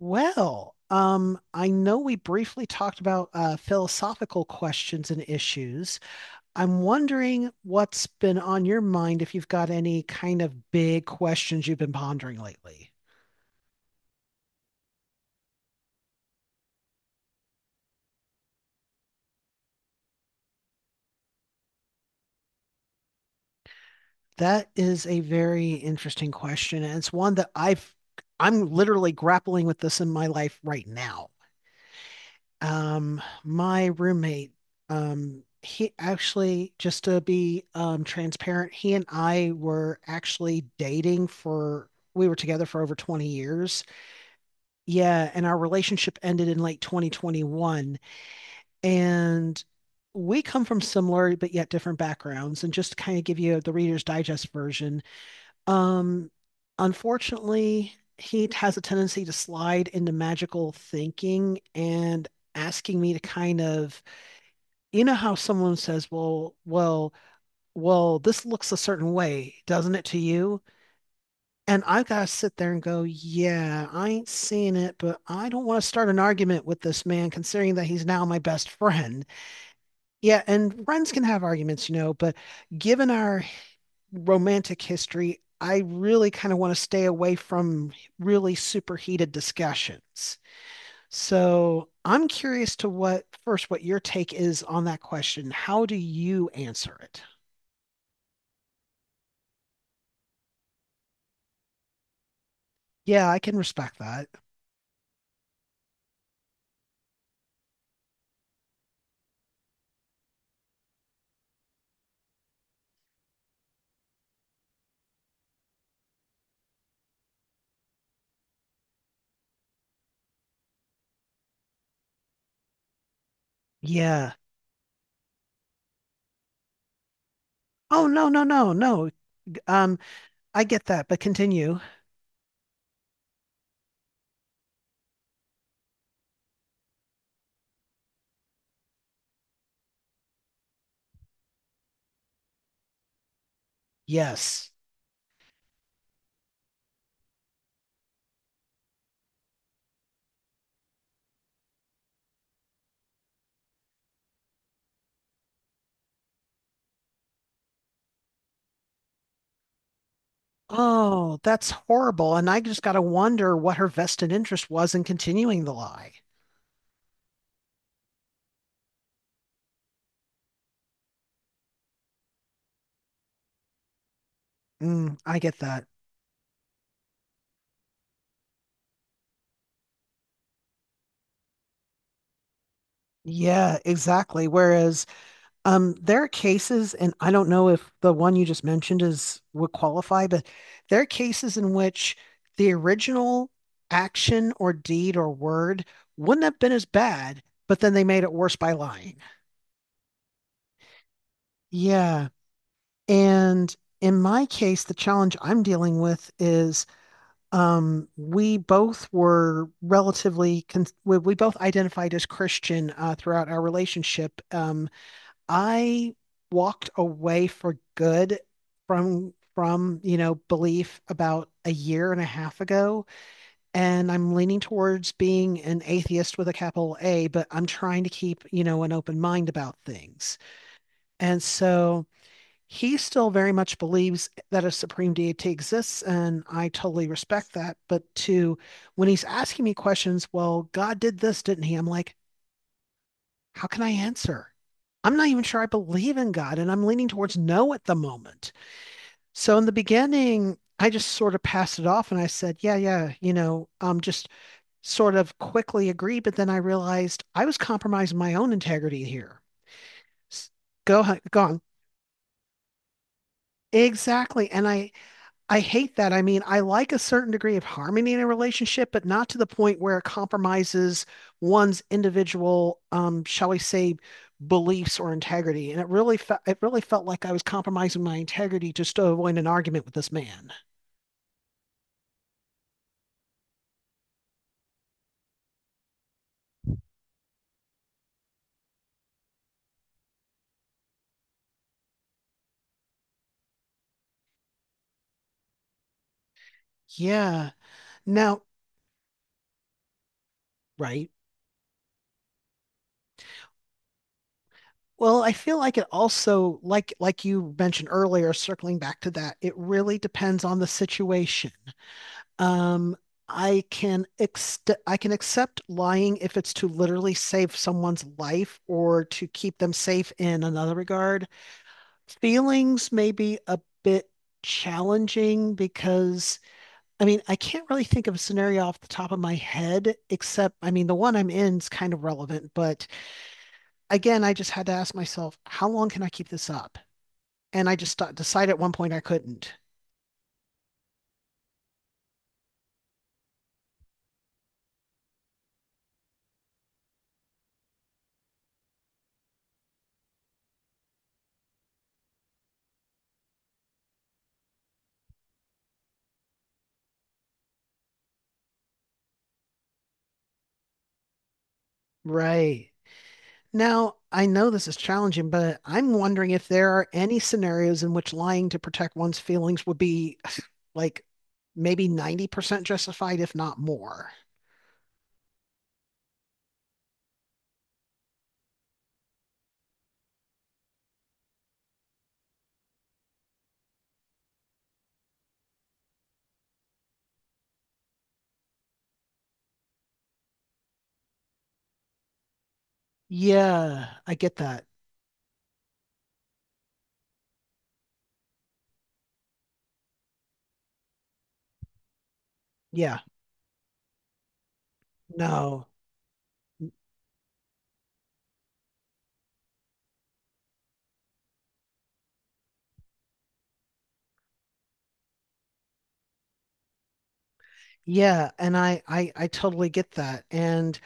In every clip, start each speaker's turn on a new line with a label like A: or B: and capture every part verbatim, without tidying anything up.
A: Well, um, I know we briefly talked about uh, philosophical questions and issues. I'm wondering what's been on your mind if you've got any kind of big questions you've been pondering lately. That is a very interesting question, and it's one that I've I'm literally grappling with this in my life right now. Um, my roommate, um, he actually, just to be um transparent, he and I were actually dating for we were together for over twenty years. Yeah, and our relationship ended in late twenty twenty-one. And we come from similar but yet different backgrounds. And just to kind of give you the Reader's Digest version, um, unfortunately, he has a tendency to slide into magical thinking and asking me to kind of you know how someone says, "Well, well, well, this looks a certain way, doesn't it to you?" And I've got to sit there and go, "Yeah, I ain't seeing it, but I don't want to start an argument with this man, considering that he's now my best friend." Yeah, and friends can have arguments, you know, but given our romantic history, I really kind of want to stay away from really superheated discussions. So I'm curious to what first what your take is on that question. How do you answer it? Yeah, I can respect that. Yeah. Oh, no, no, no, no. Um, I get that, but continue. Yes. Oh, that's horrible. And I just got to wonder what her vested interest was in continuing the lie. Mm, I get that. Yeah, exactly. Whereas, um, there are cases, and I don't know if the one you just mentioned is would qualify, but there are cases in which the original action or deed or word wouldn't have been as bad, but then they made it worse by lying. Yeah. And in my case, the challenge I'm dealing with is um, we both were relatively, con we, we both identified as Christian uh, throughout our relationship. Um, I walked away for good from from, you know, belief about a year and a half ago, and I'm leaning towards being an atheist with a capital A, but I'm trying to keep, you know, an open mind about things. And so he still very much believes that a supreme deity exists, and I totally respect that. But to When he's asking me questions, well, God did this, didn't he? I'm like, how can I answer? I'm not even sure I believe in God, and I'm leaning towards no at the moment. So in the beginning, I just sort of passed it off and I said, yeah, yeah, you know, um, just sort of quickly agree. But then I realized I was compromising my own integrity here. Go, h- go on. Exactly. And I I hate that. I mean, I like a certain degree of harmony in a relationship, but not to the point where it compromises one's individual, um, shall we say, beliefs or integrity. And it really felt it really felt like I was compromising my integrity just to avoid an argument with this man. Yeah. Now, right. Well, I feel like it also, like like you mentioned earlier, circling back to that, it really depends on the situation. Um, I can ex I can accept lying if it's to literally save someone's life or to keep them safe in another regard. Feelings may be a bit challenging because I mean, I can't really think of a scenario off the top of my head, except I mean, the one I'm in is kind of relevant, but again, I just had to ask myself, how long can I keep this up? And I just thought, decided at one point I couldn't. Right. Now, I know this is challenging, but I'm wondering if there are any scenarios in which lying to protect one's feelings would be like maybe ninety percent justified, if not more. Yeah, I get that. Yeah. No. Yeah, and I I I totally get that. And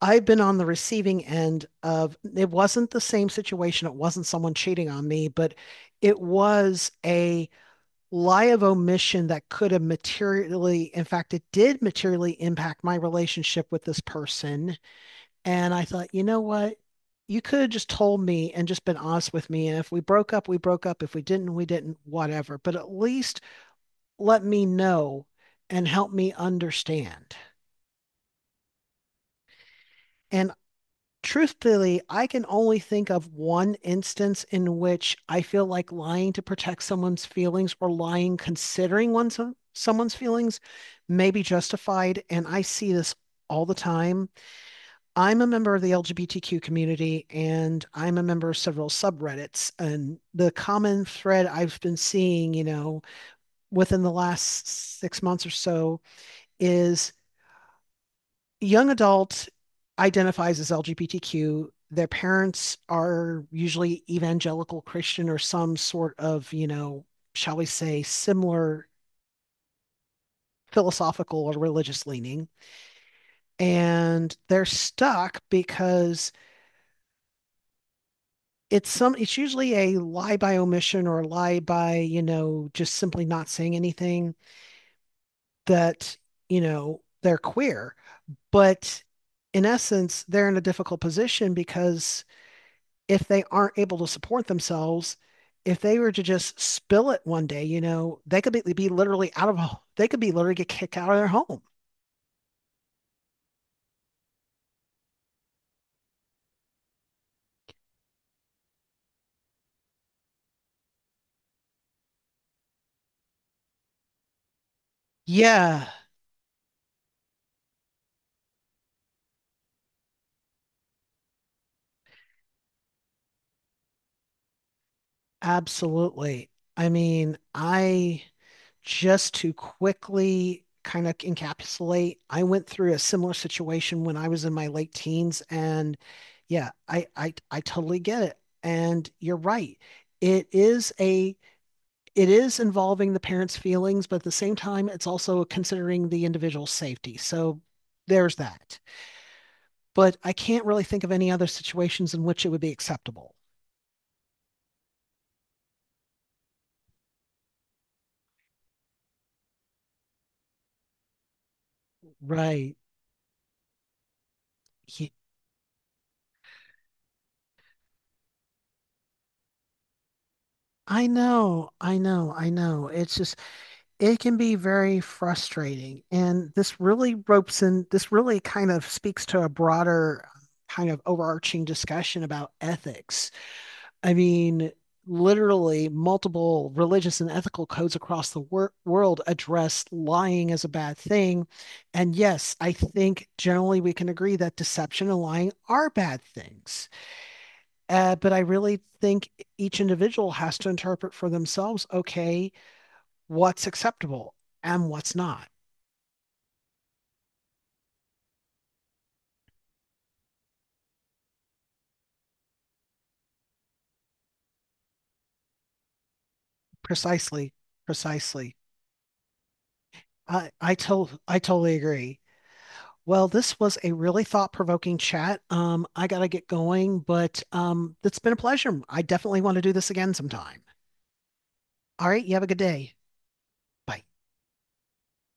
A: I've been on the receiving end of it wasn't the same situation. It wasn't someone cheating on me, but it was a lie of omission that could have materially, in fact, it did materially impact my relationship with this person. And I thought, you know what? You could have just told me and just been honest with me. And if we broke up, we broke up. If we didn't, we didn't, whatever. But at least let me know and help me understand. And truthfully, I can only think of one instance in which I feel like lying to protect someone's feelings or lying considering one's someone's feelings may be justified. And I see this all the time. I'm a member of the L G B T Q community and I'm a member of several subreddits. And the common thread I've been seeing, you know, within the last six months or so is young adult identifies as L G B T Q. Their parents are usually evangelical Christian or some sort of, you know, shall we say, similar philosophical or religious leaning. And they're stuck because it's some it's usually a lie by omission or a lie by, you know, just simply not saying anything that, you know, they're queer. But in essence, they're in a difficult position because if they aren't able to support themselves, if they were to just spill it one day, you know, they could be, be literally out of, they could be literally get kicked out of their home. Yeah, absolutely. I mean, I just to quickly kind of encapsulate, I went through a similar situation when I was in my late teens, and yeah, I I I totally get it. And you're right. It is a it is involving the parents' feelings, but at the same time, it's also considering the individual's safety. So there's that. But I can't really think of any other situations in which it would be acceptable. Right. Ye- I know, I know, I know. It's just, it can be very frustrating. And this really ropes in, this really kind of speaks to a broader kind of overarching discussion about ethics. I mean, literally, multiple religious and ethical codes across the wor world address lying as a bad thing. And yes, I think generally we can agree that deception and lying are bad things. Uh, but I really think each individual has to interpret for themselves, okay, what's acceptable and what's not. Precisely, precisely. I, I, to I totally agree. Well, this was a really thought-provoking chat. Um, I gotta get going, but um, it's been a pleasure. I definitely want to do this again sometime. All right, you have a good day. Bye.